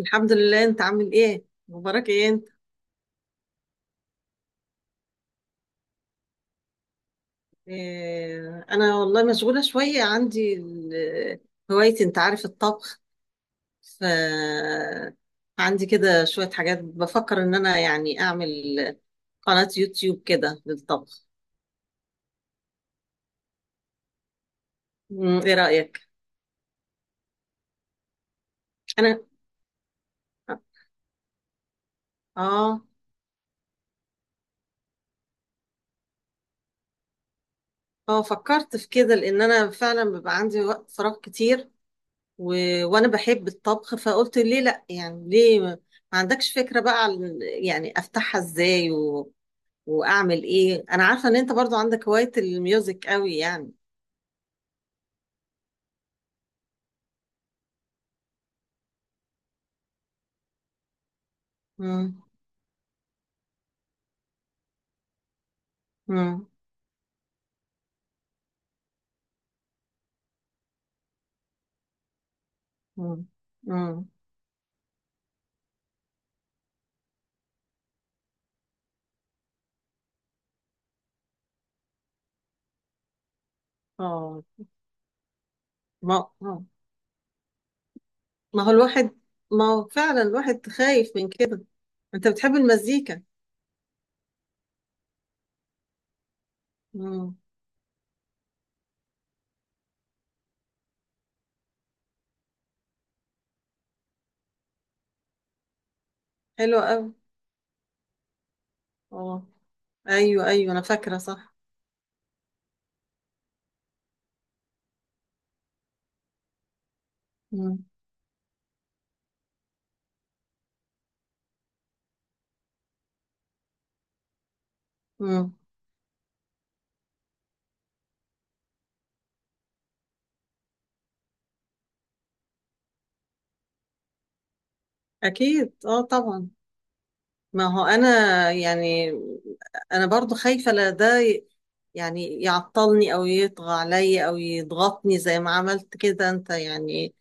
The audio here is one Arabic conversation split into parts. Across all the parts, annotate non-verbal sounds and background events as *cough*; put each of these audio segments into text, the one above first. الحمد لله. انت عامل ايه؟ مبارك ايه انت. إيه، انا والله مشغوله شويه. عندي هوايتي، انت عارف، الطبخ. ف عندي كده شويه حاجات، بفكر ان انا يعني اعمل قناه يوتيوب كده للطبخ. ايه رايك؟ انا اه اه فكرت في كده، لان انا فعلا بيبقى عندي وقت فراغ كتير و... وانا بحب الطبخ، فقلت ليه لا؟ يعني ليه ما عندكش فكرة بقى عن يعني افتحها ازاي واعمل ايه. انا عارفه ان انت برضو عندك هوايه الميوزك قوي يعني. امم. امم. امم. امم. اه. ما آه. ما هو الواحد، ما هو فعلا الواحد خايف من كده. انت بتحب المزيكا؟ امم. حلوه قوي. اه. ايوه، ايوه، انا فاكره صح. امم. امم. اكيد، اه طبعا. ما هو انا، يعني انا برضو خايفه لا ده يعني يعطلني، او يطغى عليا، او يضغطني زي ما عملت كده انت يعني.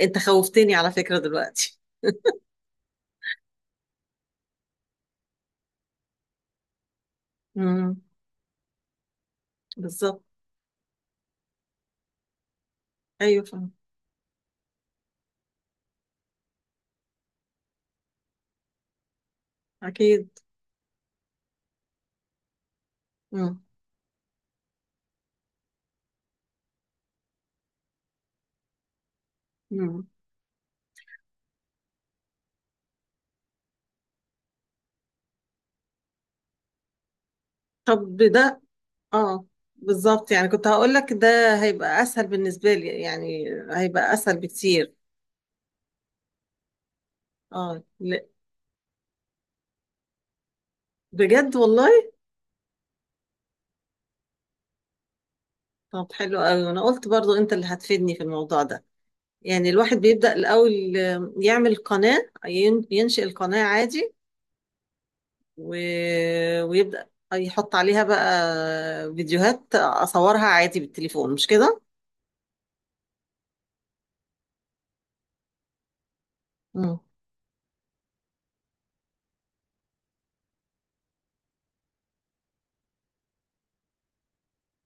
انت خوفتني على فكرة دلوقتي. امم. بالظبط. ايوه، فاهم. اكيد. امم. امم. طب ده اه، بالظبط، يعني كنت هقول لك ده. هيبقى اسهل بالنسبة لي، يعني هيبقى اسهل بكتير. اه لا. بجد والله. طب حلو قوي. انا قلت برضو انت اللي هتفيدني في الموضوع ده. يعني الواحد بيبدأ الاول، يعمل قناة، ينشئ القناة عادي و... ويبدأ يحط عليها بقى فيديوهات، اصورها عادي بالتليفون، مش كده؟ مم.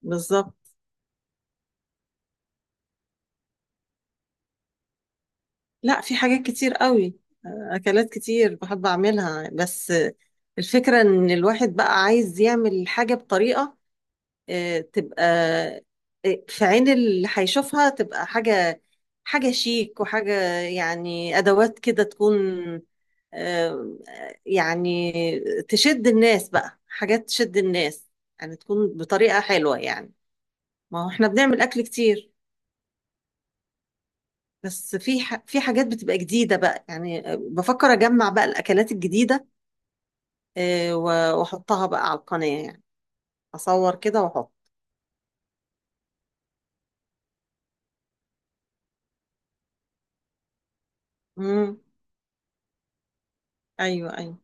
بالظبط. لا، في حاجات كتير قوي. اكلات كتير بحب اعملها، بس الفكرة ان الواحد بقى عايز يعمل حاجة بطريقة تبقى في عين اللي هيشوفها تبقى حاجة، حاجة شيك، وحاجة يعني ادوات كده تكون آه، يعني تشد الناس، بقى حاجات تشد الناس، يعني تكون بطريقة حلوة يعني. ما هو احنا بنعمل اكل كتير، بس في في حاجات بتبقى جديدة بقى، يعني بفكر أجمع بقى الأكلات الجديدة وأحطها بقى على القناة يعني. أصور كده وأحط. امم. أيوه، أيوه.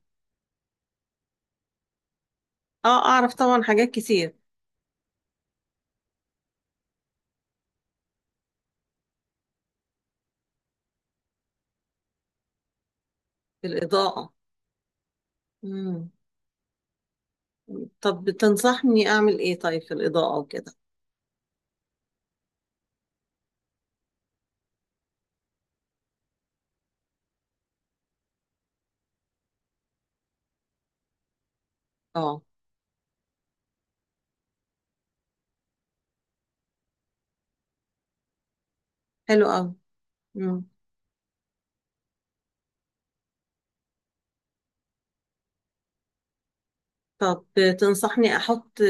أه، أعرف طبعا حاجات كتير. في الإضاءة. امم. طب تنصحني أعمل إيه طيب في الإضاءة وكده؟ أه. حلو. أوي. طب تنصحني احط،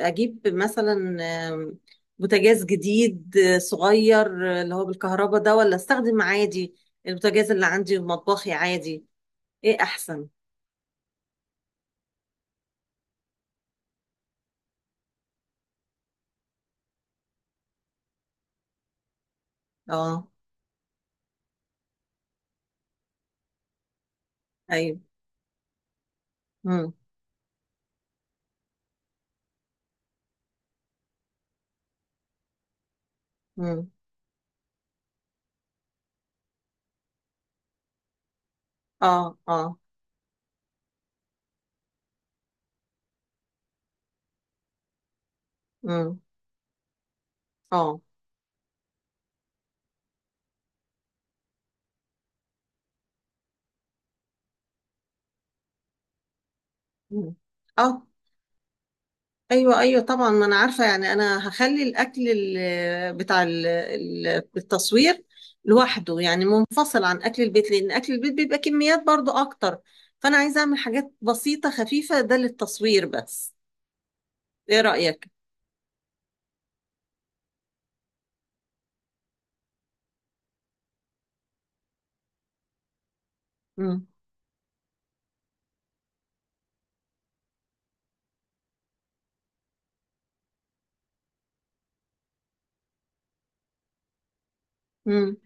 اجيب مثلا بوتاجاز جديد صغير اللي هو بالكهرباء ده، ولا استخدم عادي البوتاجاز اللي عندي في مطبخي عادي؟ ايه احسن؟ اه. ايوه. امم. امم. اه. اه. امم. اه. مم. اه، ايوه، ايوه طبعا، ما انا عارفه. يعني انا هخلي الاكل بتاع التصوير لوحده، يعني منفصل عن اكل البيت، لان اكل البيت بيبقى كميات برضو اكتر. فانا عايزه اعمل حاجات بسيطه خفيفه ده للتصوير بس. ايه رايك؟ امم. امم.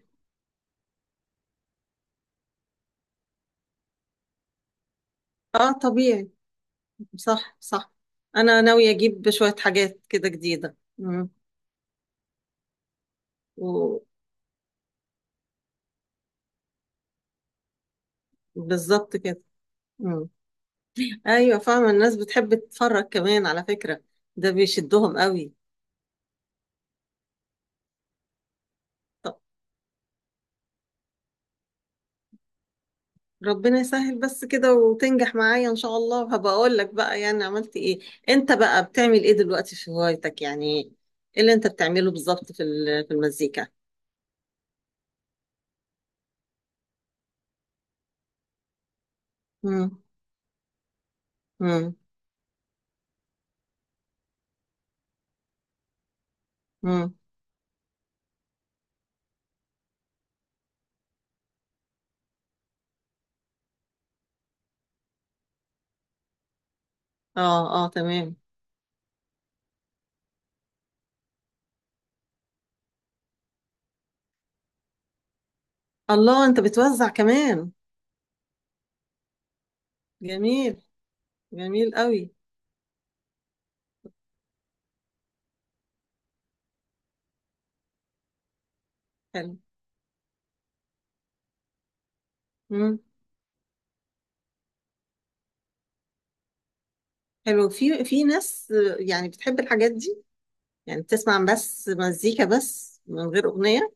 اه طبيعي. صح، صح. انا ناويه اجيب شويه حاجات كده جديده. امم. وبالظبط كده. امم. ايوه، فاهمه. الناس بتحب تتفرج كمان على فكره، ده بيشدهم قوي. ربنا يسهل بس كده وتنجح معايا ان شاء الله، وهبقى اقول لك بقى يعني عملت ايه. انت بقى بتعمل ايه دلوقتي في هوايتك يعني؟ ايه اللي انت بتعمله بالظبط في في المزيكا؟ امم. امم. امم. اه، اه، تمام. الله، انت بتوزع كمان؟ جميل. جميل قوي. حلو. امم. حلو. في ناس يعني بتحب الحاجات دي، يعني بتسمع بس مزيكا بس من غير اغنية.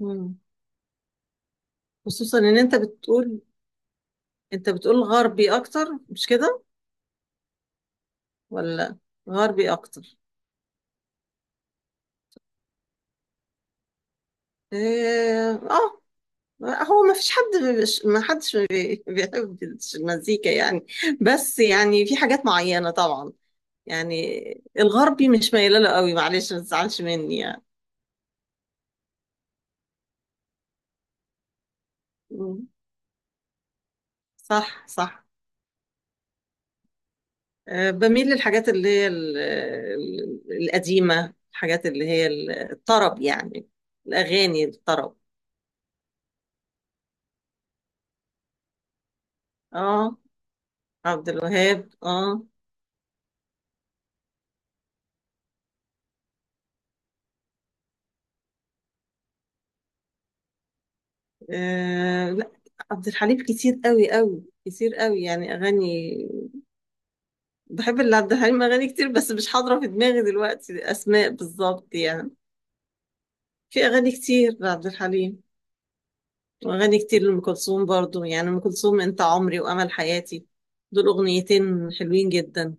امم. خصوصا ان انت بتقول، غربي اكتر، مش كده؟ ولا؟ غربي اكتر. إيه، اه. هو ما فيش حد ما حدش *laughs* بيحب المزيكا يعني؟ بس يعني في حاجات معينة طبعا، يعني الغربي مش مايله له قوي، معلش ما تزعلش مني يعني. مم. صح، صح. بميل للحاجات اللي هي القديمة، الحاجات اللي هي الطرب يعني، الأغاني الطرب. اه. عبد الوهاب، اه. لا، عبد الحليم كتير قوي، قوي كتير قوي يعني اغاني. بحب اللي عبد الحليم اغاني كتير، بس مش حاضره في دماغي دلوقتي اسماء بالظبط يعني. في اغاني كتير لعبد الحليم، واغاني كتير لام كلثوم برضو. يعني ام كلثوم، انت عمري وامل حياتي، دول اغنيتين حلوين جدا.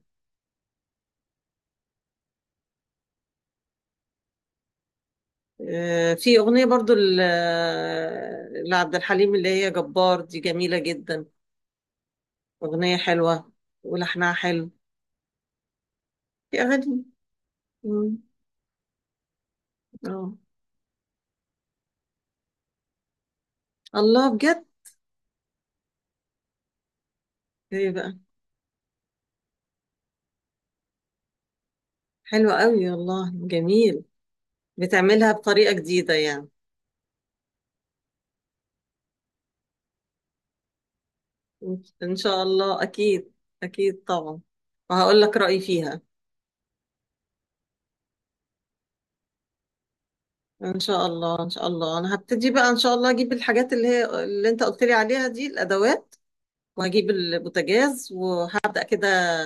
في اغنيه برضو لعبد الحليم اللي هي جبار، دي جميله جدا. اغنيه حلوه، ولحنها حلو. في اغاني. مم. اه. الله، بجد؟ ايه بقى! حلو قوي والله، جميل. بتعملها بطريقة جديدة يعني؟ ان شاء الله. اكيد، اكيد طبعا. وهقول لك رأيي فيها. ان شاء الله. ان شاء الله، انا هبتدي بقى ان شاء الله، اجيب الحاجات اللي هي اللي انت قلت لي عليها دي، الادوات، وهجيب البوتاجاز وهبدأ كده.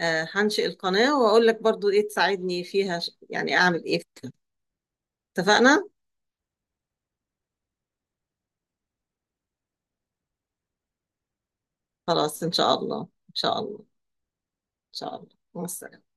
هنشئ القناة، واقول لك برضو ايه تساعدني فيها، يعني اعمل ايه فيها. اتفقنا. خلاص ان شاء الله. ان شاء الله. ان شاء الله، مع السلامة.